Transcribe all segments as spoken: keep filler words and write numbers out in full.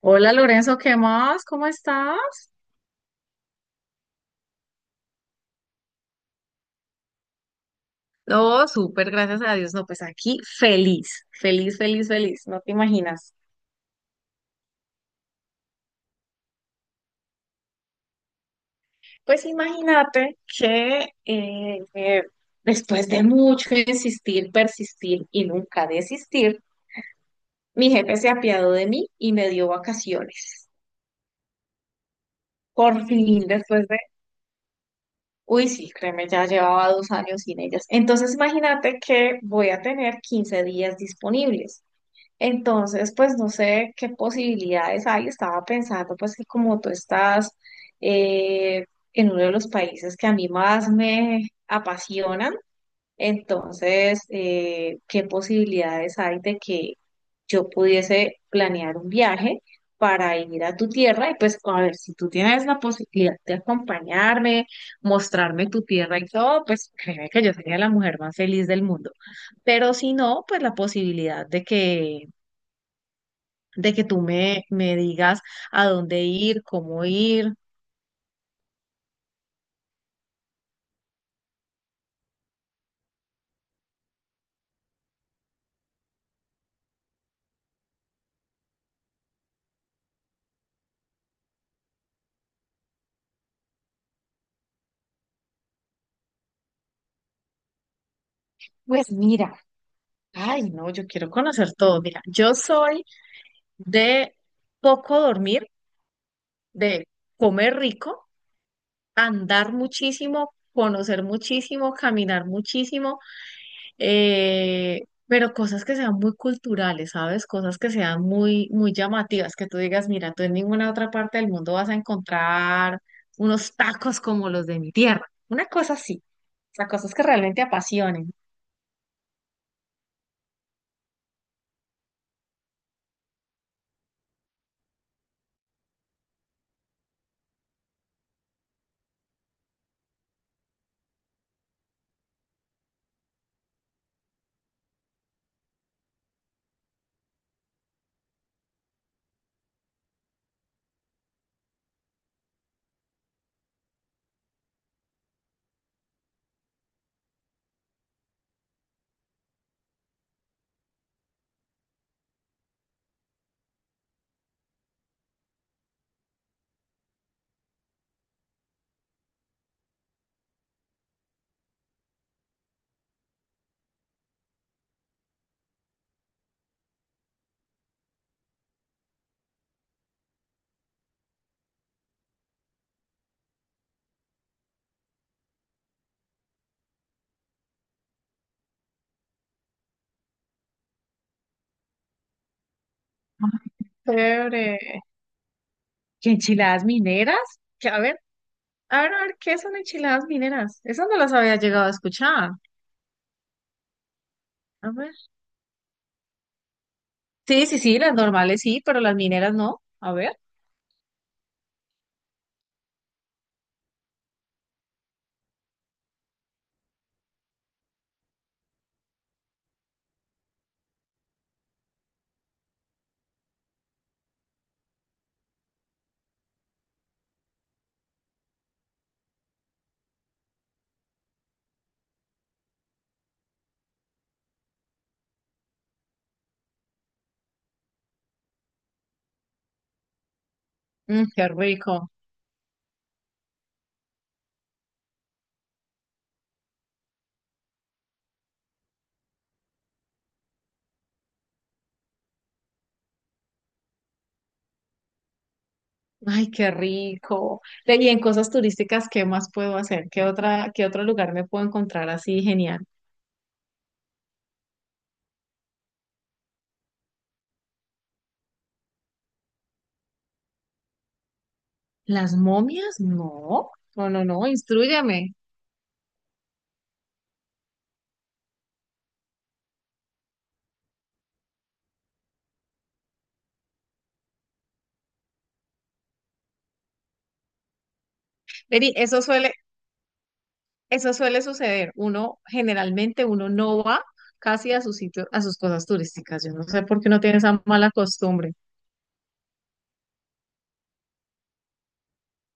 Hola Lorenzo, ¿qué más? ¿Cómo estás? Oh, súper, gracias a Dios. No, pues aquí feliz, feliz, feliz, feliz, no te imaginas. Pues imagínate que eh, eh, después de mucho insistir, persistir y nunca desistir, mi jefe se apiadó de mí y me dio vacaciones. Por fin, después de, uy, sí, créeme, ya llevaba dos años sin ellas. Entonces imagínate que voy a tener quince días disponibles. Entonces, pues no sé qué posibilidades hay. Estaba pensando, pues que como tú estás eh, en uno de los países que a mí más me apasionan. Entonces, eh, ¿qué posibilidades hay de que yo pudiese planear un viaje para ir a tu tierra? Y pues, a ver, si tú tienes la posibilidad de acompañarme, mostrarme tu tierra y todo, pues créeme que yo sería la mujer más feliz del mundo. Pero si no, pues la posibilidad de que de que tú me, me digas a dónde ir, cómo ir. Pues mira, ay, no, yo quiero conocer todo. Mira, yo soy de poco dormir, de comer rico, andar muchísimo, conocer muchísimo, caminar muchísimo, eh, pero cosas que sean muy culturales, ¿sabes? Cosas que sean muy, muy llamativas, que tú digas, mira, tú en ninguna otra parte del mundo vas a encontrar unos tacos como los de mi tierra. Una cosa así, o sea, cosas que realmente apasionen. Ah, chévere. ¿Qué enchiladas mineras? Que, a ver, a ver, a ver, ¿qué son enchiladas mineras? Esas no las había llegado a escuchar. A ver. Sí, sí, sí, las normales sí, pero las mineras no. A ver. Mm, qué rico. Ay, qué rico. Ve, y en cosas turísticas, ¿qué más puedo hacer? ¿Qué otra, qué otro lugar me puedo encontrar así genial? ¿Las momias? No, no, no, no, instrúyame. Vení, eso suele, eso suele suceder. Uno, generalmente uno no va casi a sus sitios, a sus cosas turísticas. Yo no sé por qué uno tiene esa mala costumbre.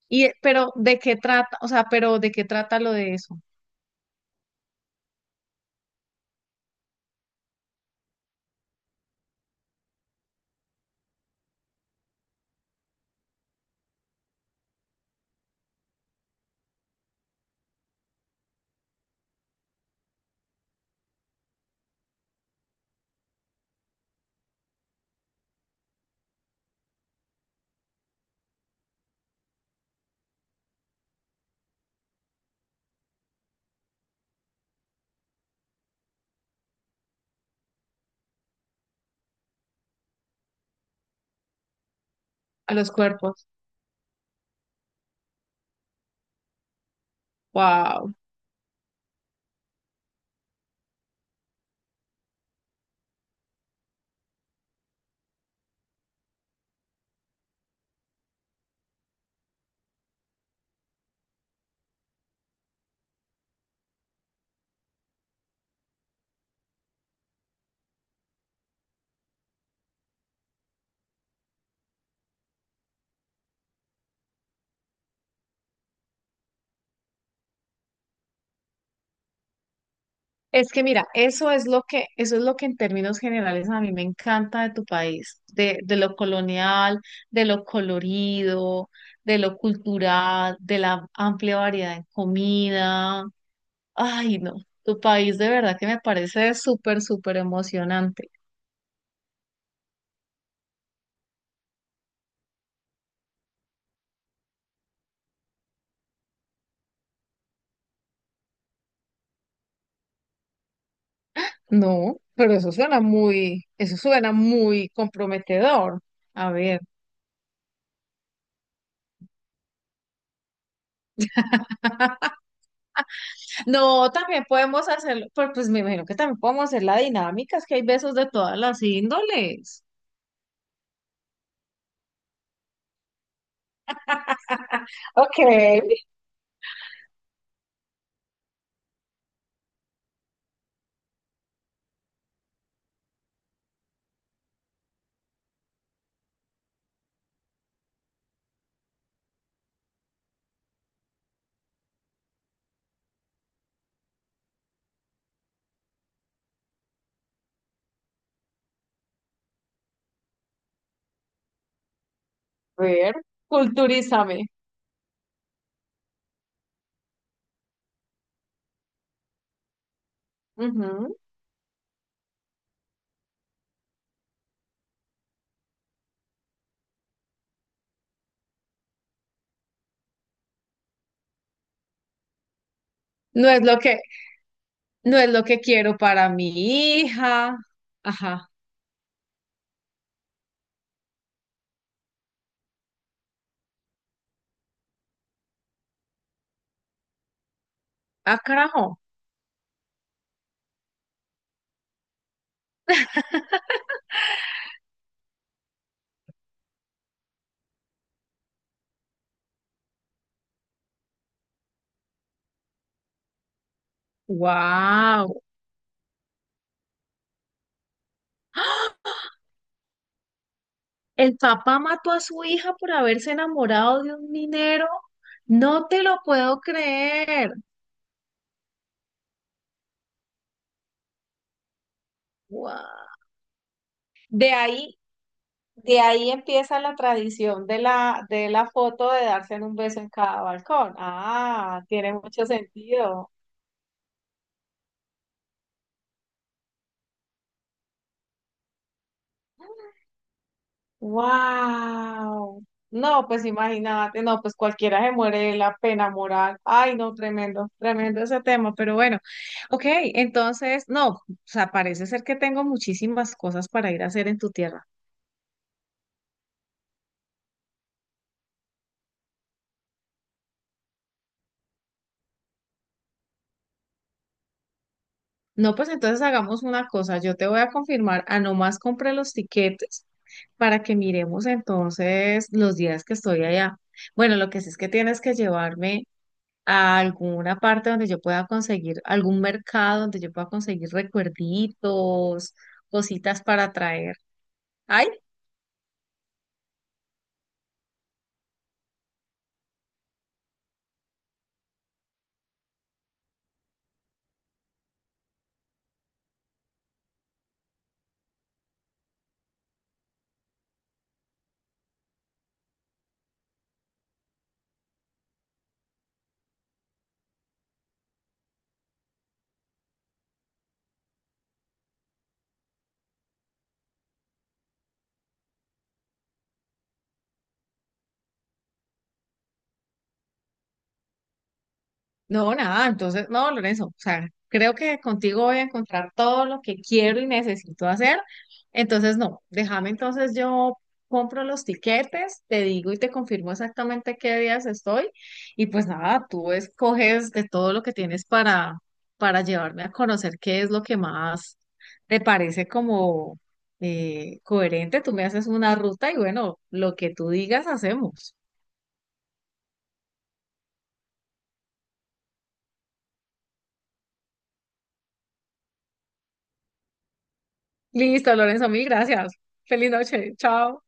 Y, eh, pero, ¿de qué trata? O sea, pero ¿de qué trata lo de eso? A los cuerpos. Wow. Es que mira, eso es lo que, eso es lo que en términos generales a mí me encanta de tu país, de, de lo colonial, de lo colorido, de lo cultural, de la amplia variedad en comida. Ay, no, tu país de verdad que me parece súper, súper emocionante. No, pero eso suena muy, eso suena muy comprometedor. A ver, no, también podemos hacerlo, pues, pues me imagino que también podemos hacer la dinámica, es que hay besos de todas las índoles. Ok, a ver, culturízame. Ujú. No es lo que, no es lo que quiero para mi hija. Ajá. Ah, carajo. Wow. El papá mató a su hija por haberse enamorado de un minero. No te lo puedo creer. Wow. De ahí, de ahí empieza la tradición de la, de la foto de darse un beso en cada balcón. Ah, tiene mucho sentido. Wow. No, pues imagínate, no, pues cualquiera se muere de la pena moral. Ay, no, tremendo, tremendo ese tema, pero bueno, ok, entonces, no, o sea, parece ser que tengo muchísimas cosas para ir a hacer en tu tierra. No, pues entonces hagamos una cosa, yo te voy a confirmar, a nomás compré los tiquetes para que miremos entonces los días que estoy allá. Bueno, lo que sí es que tienes que llevarme a alguna parte donde yo pueda conseguir, algún mercado donde yo pueda conseguir recuerditos, cositas para traer. Hay no, nada, entonces, no, Lorenzo, o sea, creo que contigo voy a encontrar todo lo que quiero y necesito hacer. Entonces, no, déjame entonces yo compro los tiquetes, te digo y te confirmo exactamente qué días estoy. Y pues nada, tú escoges de todo lo que tienes para, para llevarme a conocer qué es lo que más te parece como eh, coherente. Tú me haces una ruta y bueno, lo que tú digas hacemos. Listo, Lorenzo, mil gracias. Feliz noche, chao.